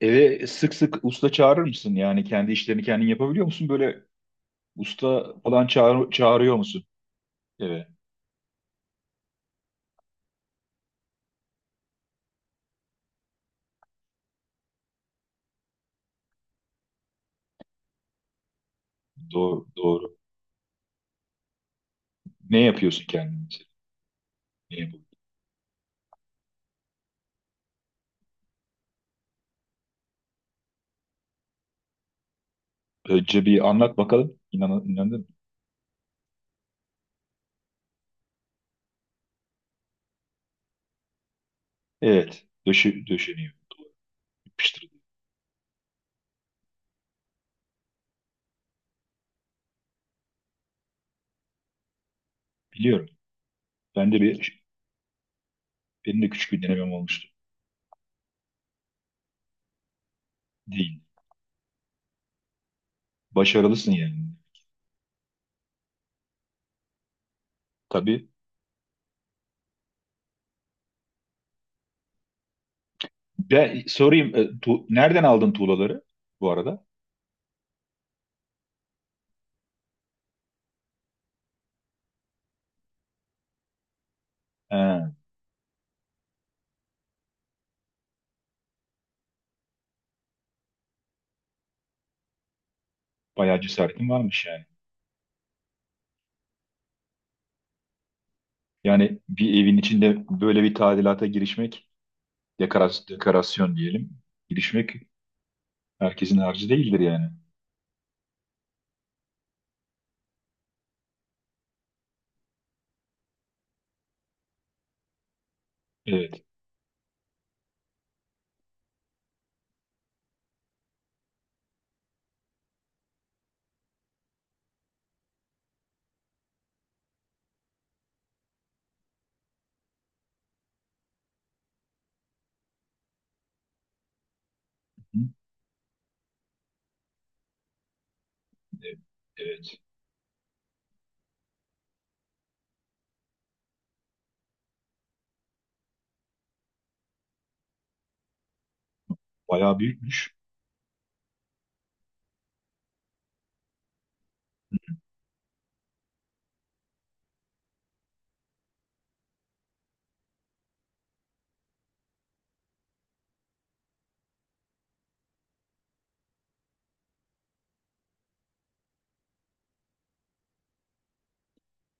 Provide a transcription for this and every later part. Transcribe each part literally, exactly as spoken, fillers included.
Eve sık sık usta çağırır mısın? Yani kendi işlerini kendin yapabiliyor musun? Böyle usta falan çağır, çağırıyor musun eve? Doğru, doğru. Ne yapıyorsun kendin için? Ne yapıyorsun? Önce bir anlat bakalım. İnan, inandın mı? Evet. Döşü, döşeniyor. Yapıştırılıyor. Biliyorum. Ben de bir, benim de küçük bir denemem olmuştu. Değil. Başarılısın yani. Tabii. Ben sorayım. e, tu- nereden aldın tuğlaları bu arada? He, bayağı cesaretin varmış yani. Yani bir evin içinde böyle bir tadilata girişmek dekorasyon, dekorasyon diyelim. Girişmek herkesin harcı değildir yani. Evet. Hı, evet. Evet. Bayağı büyükmüş.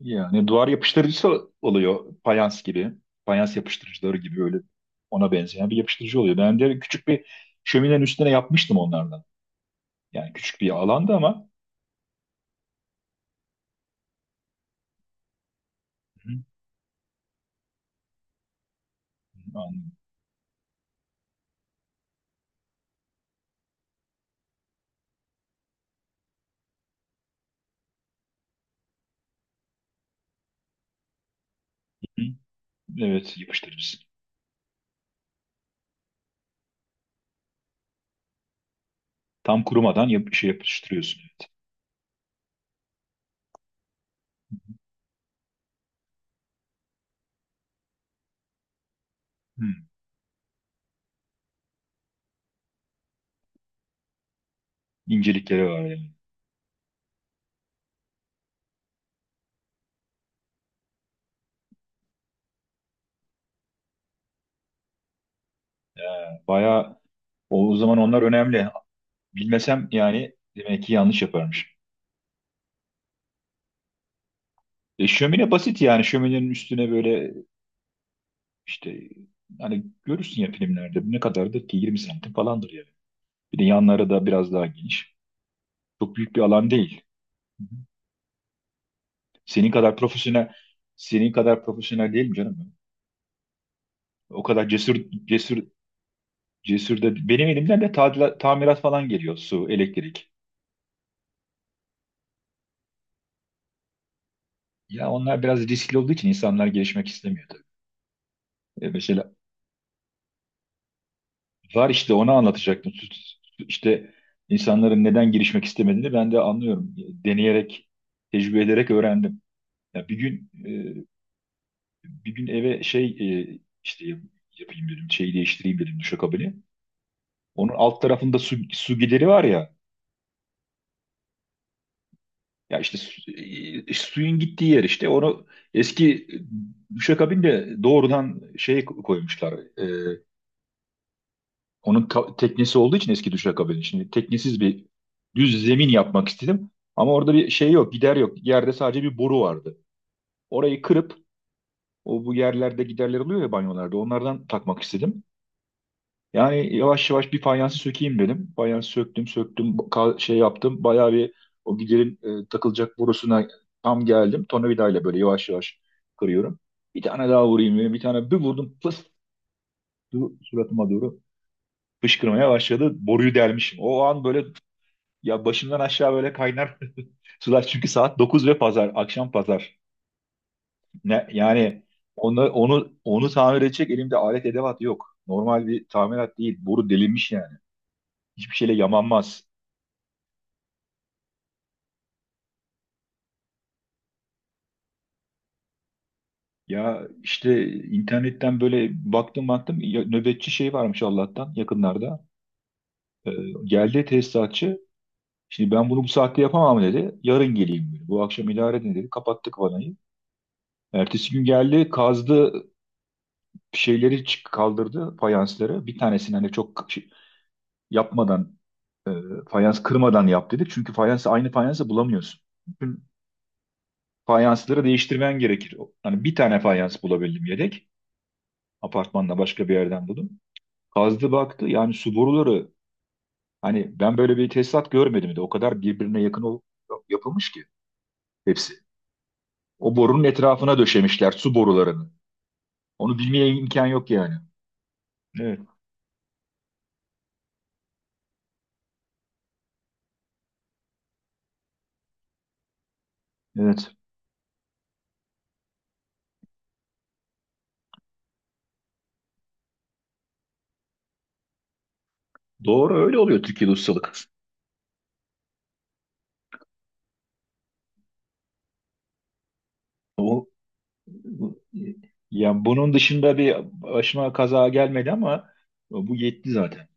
Yani duvar yapıştırıcısı oluyor. Fayans gibi. Fayans yapıştırıcıları gibi öyle ona benzeyen bir yapıştırıcı oluyor. Ben de küçük bir şöminenin üstüne yapmıştım onlardan. Yani küçük bir alanda ama hı, anladım. Hı, evet yapıştırıcısı. Tam kurumadan yap şey yapıştırıyorsun. Evet. Hı, incelikleri var yani. Bayağı o zaman onlar önemli. Bilmesem yani demek ki yanlış yaparmış. E, şömine basit yani şöminenin üstüne böyle işte hani görürsün ya filmlerde ne kadardır ki yirmi santim falandır yani. Bir de yanları da biraz daha geniş. Çok büyük bir alan değil. Hı hı. Senin kadar profesyonel senin kadar profesyonel değilim canım ben. O kadar cesur cesur cesur da benim elimden de tadila- tamirat falan geliyor su, elektrik. Ya onlar biraz riskli olduğu için insanlar gelişmek istemiyor tabii. E, mesela var işte onu anlatacaktım. Sü- sü- İşte insanların neden girişmek istemediğini ben de anlıyorum. Deneyerek, tecrübe ederek öğrendim. Ya bir gün e, bir gün eve şey e, işte yap- yapayım dedim, şeyi değiştireyim dedim duşakabini. Onun alt tarafında su, su gideri var ya. Ya işte su- e, suyun gittiği yer işte. Onu eski e, duşakabin doğrudan şey koymuşlar. E, Onun ka- teknesi olduğu için eski duşakabin. Şimdi teknesiz bir düz zemin yapmak istedim. Ama orada bir şey yok, gider yok. Yerde sadece bir boru vardı. Orayı kırıp o bu yerlerde giderler oluyor ya banyolarda. Onlardan takmak istedim. Yani yavaş yavaş bir fayansı sökeyim dedim. Fayansı söktüm, söktüm, ka- şey yaptım. Bayağı bir o giderin e, takılacak borusuna tam geldim. Tornavidayla böyle yavaş yavaş kırıyorum. Bir tane daha vurayım dedim. Bir tane bir vurdum. Fıs! Suratıma doğru fışkırmaya başladı. Boruyu delmişim. O an böyle. Ya başımdan aşağı böyle kaynar sular çünkü saat dokuz ve pazar, akşam pazar. Ne, yani onu onu onu tamir edecek elimde alet edevat yok. Normal bir tamirat değil. Boru delinmiş yani. Hiçbir şeyle yamanmaz. Ya işte internetten böyle baktım baktım ya- nöbetçi şey varmış Allah'tan yakınlarda. Ee, geldi tesisatçı. Şimdi ben bunu bu saatte yapamam dedi. Yarın geleyim dedi. Bu akşam idare edin dedi. Kapattık vanayı. Ertesi gün geldi kazdı şeyleri çık- kaldırdı fayansları. Bir tanesini hani çok şey- yapmadan e, fayans kırmadan yap dedi. Çünkü fayansı aynı fayansı bulamıyorsun. Bütün fayansları değiştirmen gerekir. O- Hani bir tane fayans bulabildim yedek. Apartmanla başka bir yerden buldum. Kazdı baktı yani su boruları hani ben böyle bir tesisat görmedim de o kadar birbirine yakın ol- yapılmış ki hepsi. O borunun etrafına döşemişler su borularını. Onu bilmeye imkan yok yani. Evet. Evet. Doğru öyle oluyor Türkiye'de ustalık. O Bu- Ya bunun dışında bir başıma kaza gelmedi ama bu yetti zaten.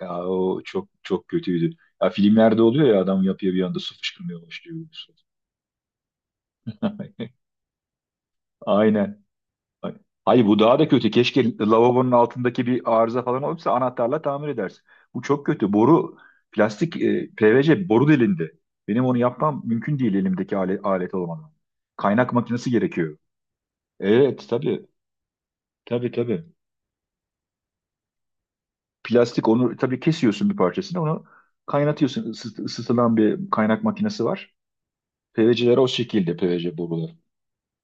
Ya o çok çok kötüydü. Ya filmlerde oluyor ya adam yapıyor bir anda su fışkırmaya başlıyor. Aynen. Hayır bu daha da kötü. Keşke lavabonun altındaki bir arıza falan olursa anahtarla tamir edersin. Bu çok kötü. Boru plastik e, P V C boru delindi. Benim onu yapmam mümkün değil elimdeki alet, alet olmadan. Kaynak makinesi gerekiyor. Evet tabii. Tabii tabii. Plastik onu tabii kesiyorsun bir parçasını onu kaynatıyorsun. Isıt, ısıtılan bir kaynak makinesi var. P V C'ler o şekilde P V C boruları.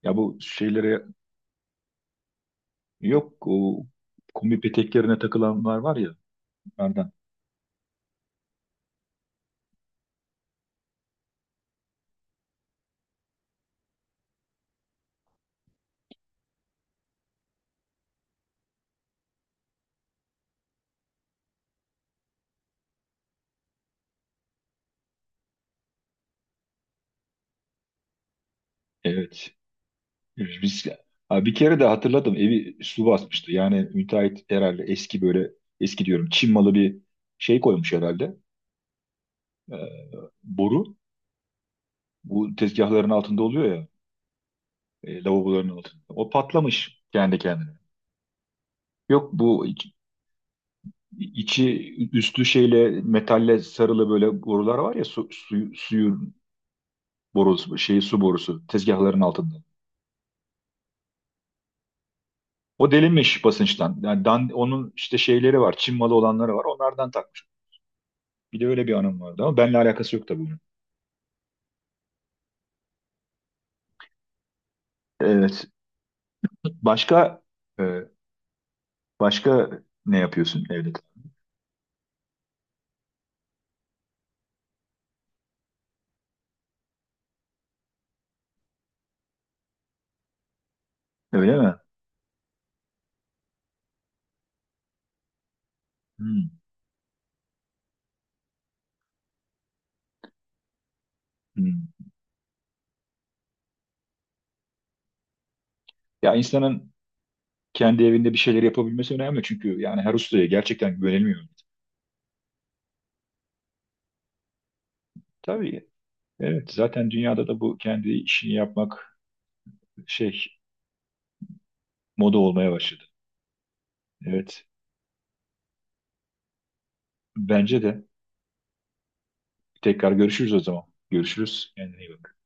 Ya bu şeylere yok o kombi peteklerine takılanlar var ya onlardan. Evet. Evet, biz, ha, bir kere de hatırladım evi su basmıştı. Yani müteahhit herhalde eski böyle eski diyorum Çin malı bir şey koymuş herhalde. Ee, boru. Bu tezgahların altında oluyor ya. e, lavaboların altında. O patlamış kendi kendine. Yok bu içi üstü şeyle metalle sarılı böyle borular var ya su, suyu, suyun borusu şeyi su borusu tezgahların altında. O delinmiş basınçtan. Yani dan, onun işte şeyleri var. Çin malı olanları var. Onlardan takmış. Bir de öyle bir anım vardı ama benimle alakası yok tabii bunun. Evet. Başka e, başka ne yapıyorsun evde? Öyle mi? Hmm, hmm. Ya insanın kendi evinde bir şeyler yapabilmesi önemli çünkü yani her ustaya gerçekten güvenilmiyor. Tabii. Evet, zaten dünyada da bu kendi işini yapmak şey moda olmaya başladı. Evet. Bence de. Tekrar görüşürüz o zaman. Görüşürüz. Kendine iyi bak.